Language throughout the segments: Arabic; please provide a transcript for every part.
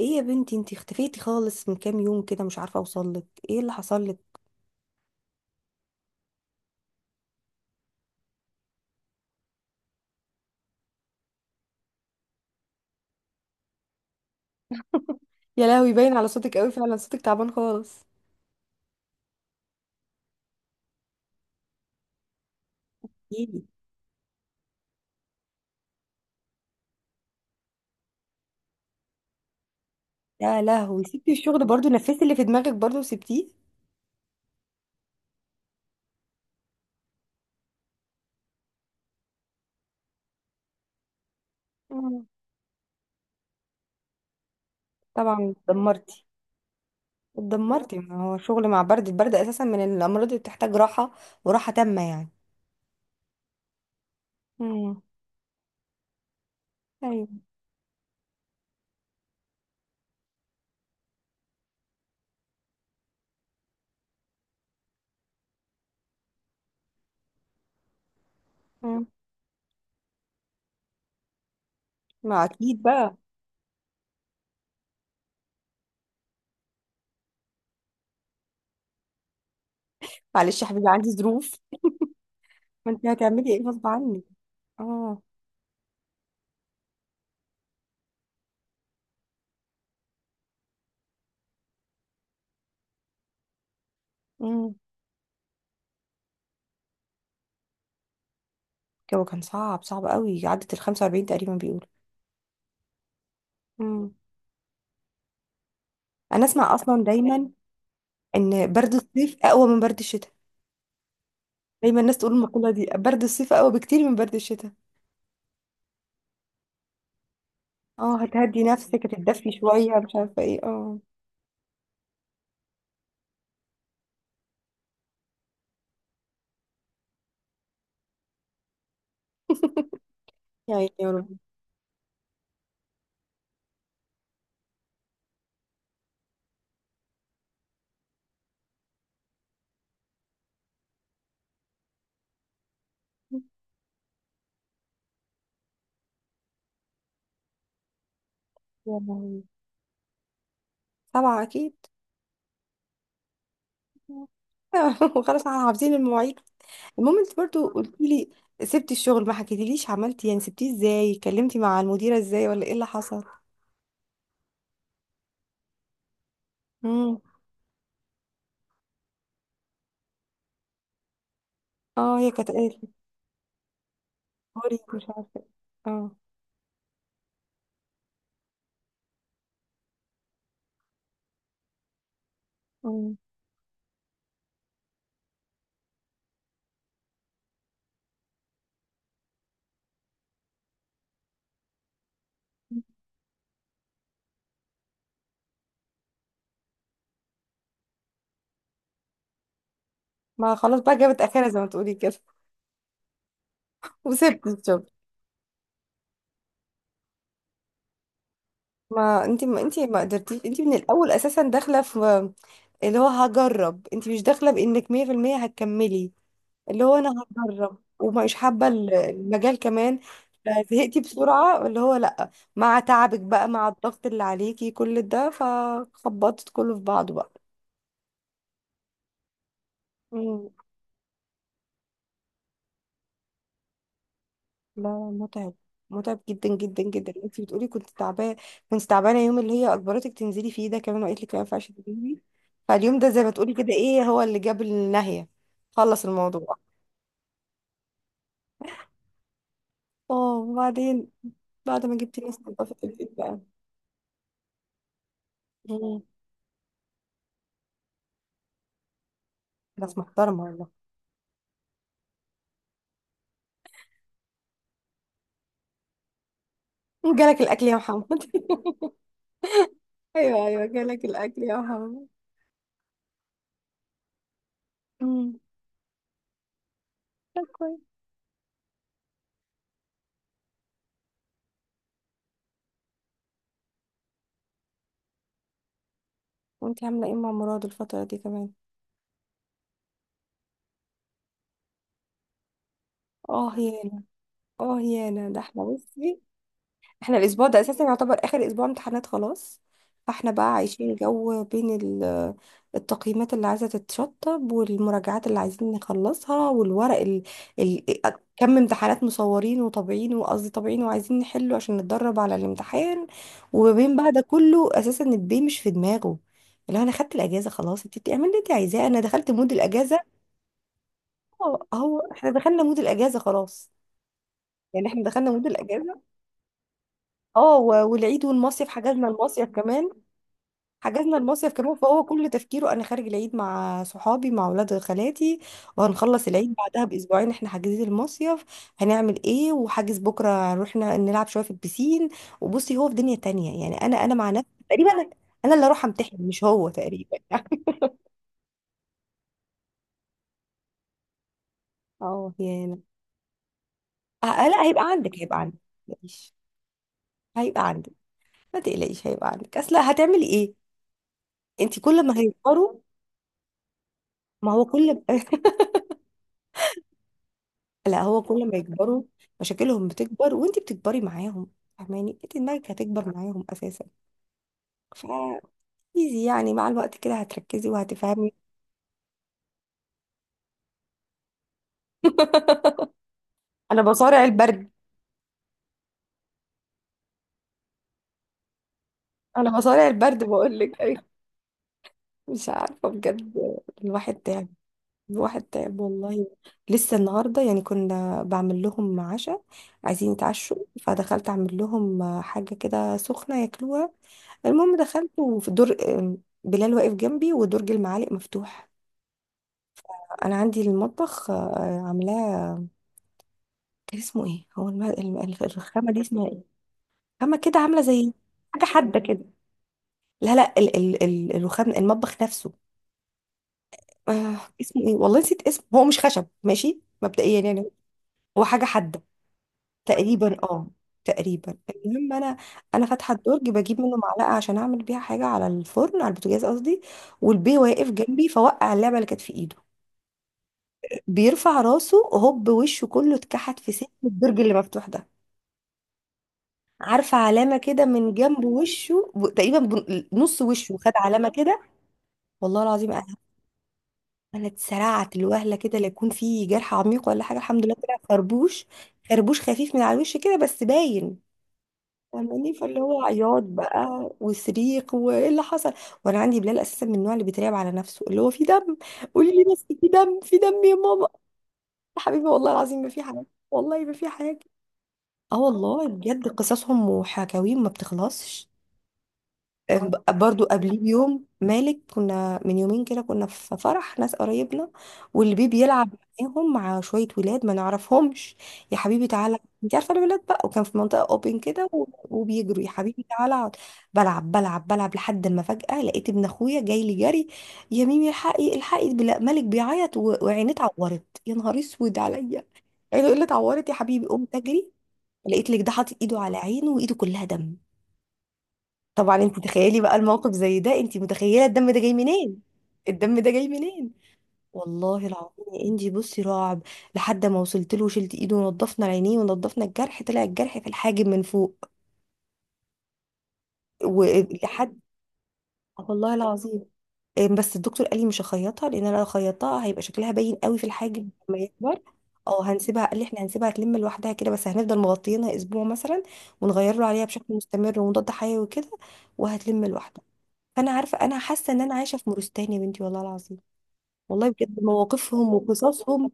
ايه يا بنتي، انتي اختفيتي خالص من كام يوم كده، مش عارفه اوصل لك. ايه اللي حصل لك؟ يا لهوي باين على صوتك قوي، فعلا صوتك تعبان خالص. ايه؟ يا لهوي سبتي الشغل برضو، نفذتي اللي في دماغك برضو وسبتيه. مم. طبعا اتدمرتي. اتدمرتي، ما هو شغل مع برد، البرد اساسا من الامراض اللي بتحتاج راحه وراحه تامه يعني. مم. ايوه. مم. ما اكيد بقى. معلش يا حبيبي، عندي ظروف. ما انت هتعملي ايه غصب عنك. اه. امم الجو كان صعب صعب قوي، عدت ال 45 تقريبا بيقولوا. انا اسمع اصلا دايما ان برد الصيف اقوى من برد الشتاء، دايما الناس تقول المقولة دي، برد الصيف اقوى بكتير من برد الشتاء. اه هتهدي نفسك، هتتدفي شوية، مش عارفة ايه، اه. يا عيني يا رب. يا لهوي. سبعة اكيد. وخلاص احنا حافظين المواعيد. المهم انت برضو قلتي لي سبتي الشغل، ما حكيتيليش عملتي يعني سبتيه ازاي، كلمتي مع المديرة ازاي، ولا ايه اللي حصل؟ امم. اه هي كانت قالت لي هوري مش عارفة ايه. اه. أمم. ما خلاص بقى، جابت اخرها زي ما تقولي كده. وسبتي الشغل. ما انت ما قدرتيش انت من الاول اساسا، داخله في اللي هو هجرب، انت مش داخله بانك 100% هتكملي. اللي هو انا هجرب ومش حابه المجال كمان، فزهقتي بسرعه، اللي هو لا. مع تعبك بقى، مع الضغط اللي عليكي، كل ده فخبطت كله في بعضه. بقى. لا لا متعب. متعب جدا جدا جدا. انت بتقولي كنت تعبانه، كنت تعبانه. يوم اللي هي اجبرتك تنزلي فيه ده كمان وقالت لك ما ينفعش تنزلي، فاليوم ده زي ما تقولي كده ايه هو اللي جاب النهايه. خلص الموضوع. اه وبعدين بعد ما جبت ناس نظفت البيت بقى. مم. ناس محترمه والله. جالك الاكل يا محمد. ايوه ايوه جالك الاكل يا محمد. امم. طب كويس. وانت عامله ايه مع مراد الفتره دي كمان؟ اه هيانا. اه هيانا، ده احنا بصي، احنا الاسبوع ده اساسا يعتبر اخر اسبوع امتحانات خلاص، فاحنا بقى عايشين جو بين التقييمات اللي عايزه تتشطب، والمراجعات اللي عايزين نخلصها، والورق ال... كم امتحانات مصورين وطابعين، وقصدي طابعين وعايزين نحله عشان نتدرب على الامتحان. وما بين بقى ده كله اساسا البي مش في دماغه، اللي هو انا خدت الاجازه خلاص، انت اعملي اللي انت عايزاه، انا دخلت مود الاجازه. اه اهو احنا دخلنا مود الاجازه خلاص، يعني احنا دخلنا مود الاجازه. اه و- والعيد والمصيف، حجزنا المصيف كمان، حجزنا المصيف كمان، فهو كل تفكيره انا خارج العيد مع صحابي مع اولاد خالاتي، وهنخلص العيد بعدها باسبوعين احنا حاجزين المصيف، هنعمل ايه، وحاجز بكره رحنا نلعب شويه في البسين. وبصي هو في دنيا تانية يعني، انا مع نفسي تقريبا، انا أنا اللي اروح امتحن مش هو تقريبا يعني. اه يعني. لا هيبقى عندك، هيبقى عندك، ما تقلقيش. هيبقى عندك ما تقلقيش، هيبقى عندك، اصل هتعملي ايه؟ انت كل ما هيكبروا. ما هو كل لا، هو كل ما يكبروا مشاكلهم بتكبر وانتي بتكبري معاهم، فاهماني؟ انت دماغك هتكبر معاهم اساسا. فايزي. يعني مع الوقت كده هتركزي وهتفهمي. انا بصارع البرد. انا بصارع البرد، بقول لك أيوة. مش عارفه بجد، الواحد تعب، الواحد تعب والله. لسه النهارده يعني كنا بعمل لهم عشاء، عايزين يتعشوا، فدخلت اعمل لهم حاجه كده سخنه ياكلوها. المهم دخلت وفي دور، بلال واقف جنبي ودرج المعالق مفتوح، انا عندي المطبخ عاملاه، كان اسمه ايه هو الرخامه دي اسمها ايه، رخامه كده عامله زي حاجه حاده كده. لا لا الرخام المطبخ نفسه، آه اسمه ايه والله نسيت اسمه، هو مش خشب ماشي مبدئيا يعني، هو حاجه حاده. تقريبا اه، تقريبا. المهم انا، فاتحه الدرج بجيب منه معلقه عشان اعمل بيها حاجه على الفرن، على البوتاجاز قصدي، والبي واقف جنبي فوقع اللعبه اللي كانت في ايده، بيرفع راسه هوب، وشه كله اتكحت في سن الدرج اللي مفتوح ده. عارفة علامة كده من جنب وشه تقريبا نص وشه خد علامة كده. والله العظيم أنا، اتسرعت الوهلة كده لا يكون في جرح عميق ولا حاجة، الحمد لله طلع خربوش، خربوش خفيف من على الوش كده بس باين. فاهماني؟ فاللي هو عياط بقى وصريخ وايه اللي حصل، وانا عندي بلال اساسا من النوع اللي بيتريق على نفسه، اللي هو في دم، قولي لي بس، في دم، في دم يا ماما. يا حبيبي والله العظيم ما في حاجه، والله ما في حاجه. اه والله بجد قصصهم وحكاويهم ما بتخلصش. برضو قبليه بيوم مالك، كنا من يومين كده كنا في فرح ناس قرايبنا والبيبي بيلعب معاهم مع شوية ولاد ما نعرفهمش، يا حبيبي تعالى، انت عارفة الولاد بقى، وكان في منطقة اوبن كده وبيجروا، يا حبيبي تعالى اقعد. بلعب بلعب بلعب لحد ما فجأة لقيت ابن اخويا جاي لي جري، يا ميمي الحقي الحقي مالك بيعيط وعينيه اتعورت، يا نهار اسود عليا. عينه ايه اللي اتعورت يا حبيبي، قمت اجري لقيت لك ده حاطط ايده على عينه وايده كلها دم. طبعا انت تخيلي بقى الموقف زي ده، انت متخيله الدم ده جاي منين، الدم ده جاي منين. والله العظيم يا انجي بصي رعب، لحد ما وصلت له وشلت ايده ونضفنا العينين ونضفنا الجرح، طلع الجرح في الحاجب من فوق. ولحد، والله العظيم، بس الدكتور قال لي مش هخيطها، لان انا لو خيطتها هيبقى شكلها باين قوي في الحاجب لما يكبر، او هنسيبها، قال لي احنا هنسيبها تلم لوحدها كده، بس هنفضل مغطيينها اسبوع مثلا، ونغير له عليها بشكل مستمر ومضاد حيوي وكده، وهتلم لوحدها. فانا عارفه، انا حاسه ان انا عايشه في مورستان يا بنتي والله العظيم. والله بجد مواقفهم وقصصهم.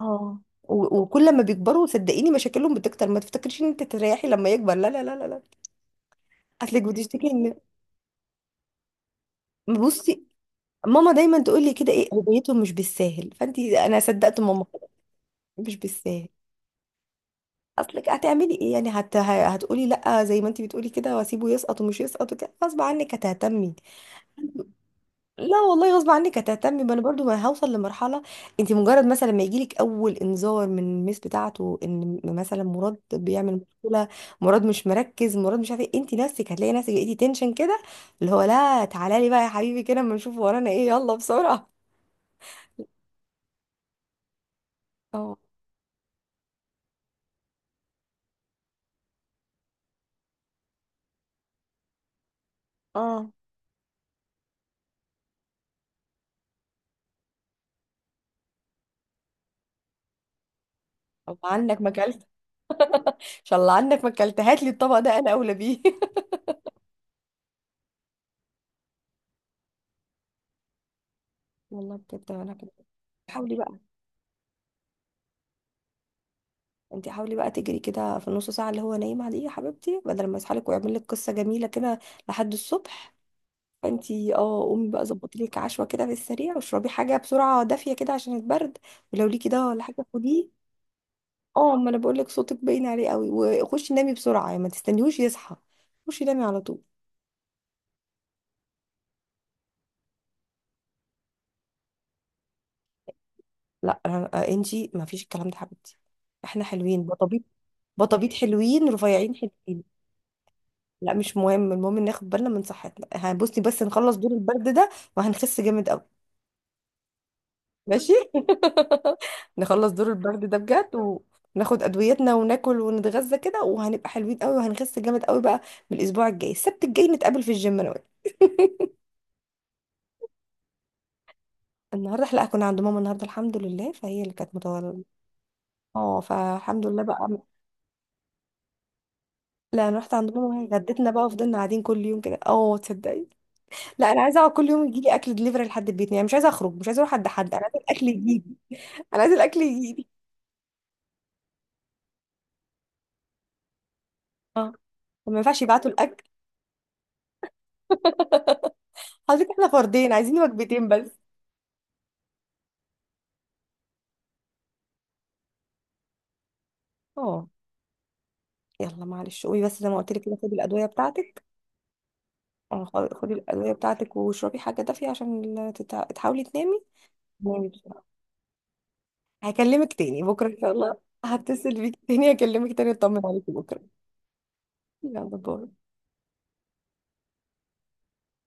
اه وكل ما بيكبروا صدقيني مشاكلهم بتكتر، ما تفتكريش ان انت تريحي لما يكبر، لا لا لا لا لا. اصلك بتشتكي ان، بصي، ماما دايما تقول لي كده، ايه هديتهم مش بالساهل، فانت انا صدقت ماما خلاص، مش بالساهل. اصلك هتعملي ايه يعني، هتقولي لا زي ما انت بتقولي كده واسيبه يسقط، ومش يسقط وكده، غصب عنك هتهتمي. لا والله غصب عنك هتهتمي، ما انا برضو ما هوصل لمرحله، انت مجرد مثلا ما يجيلك اول انذار من الميس بتاعته ان مثلا مراد بيعمل مشكله، مراد مش مركز، مراد مش عارف ايه، انت نفسك هتلاقي نفسك لقيتي تنشن كده، اللي هو لا تعالى لي بقى يا حبيبي كده اما نشوف ورانا ايه، يلا بسرعه. اه اه. طب عنك ما اكلت، ان شاء الله عنك ما اكلت، هات لي الطبق ده انا اولى بيه. والله بجد انا كده. حاولي بقى، انت حاولي بقى تجري كده في النص ساعه اللي هو نايم عليه يا حبيبتي، بدل ما يصحى لك ويعمل لك قصه جميله كده لحد الصبح، فانتي اه قومي بقى ظبطي لك عشوه كده في السريع، واشربي حاجه بسرعه دافيه كده عشان البرد، ولو ليكي ده ولا حاجه خديه. اه ما انا بقول لك صوتك باين عليه قوي. وخشي نامي بسرعه يعني، ما تستنيهوش يصحى، خشي نامي على طول. لا انتي ما فيش الكلام ده يا حبيبتي، احنا حلوين بطبيب، بطبيب حلوين رفيعين حلوين. لا مش مهم، المهم ناخد بالنا من صحتنا، هنبصي بس نخلص دور البرد ده وهنخس جامد قوي. ماشي. نخلص دور البرد ده بجد، وناخد ادويتنا وناكل ونتغذى كده، وهنبقى حلوين قوي وهنخس جامد قوي بقى. من الاسبوع الجاي السبت الجاي نتقابل في الجيم انا وإنت. النهارده لا كنا عند ماما، النهارده الحمد لله فهي اللي كانت متولده، اه فالحمد لله بقى. لا انا رحت عند ماما وهي غدتنا بقى، وفضلنا قاعدين كل يوم كده اه تصدقي. لا انا عايزه اقعد كل يوم يجي لي اكل دليفري لحد البيت، يعني مش عايزه اخرج، مش عايزه اروح عند حد، انا عايزه الاكل يجي لي، انا عايزه الاكل يجي لي. اه ما ينفعش يبعتوا الاكل، حضرتك احنا فردين، عايزين وجبتين بس. اه يلا معلش، قومي بس زي ما قلت لك كده، خدي الادويه بتاعتك. اه خدي الادويه بتاعتك واشربي حاجه دافيه عشان تحاولي تنامي. نامي بسرعه، هكلمك تاني بكره ان شاء الله، هتصل بيك تاني، هكلمك تاني اطمن عليكي بكره، يلا باي.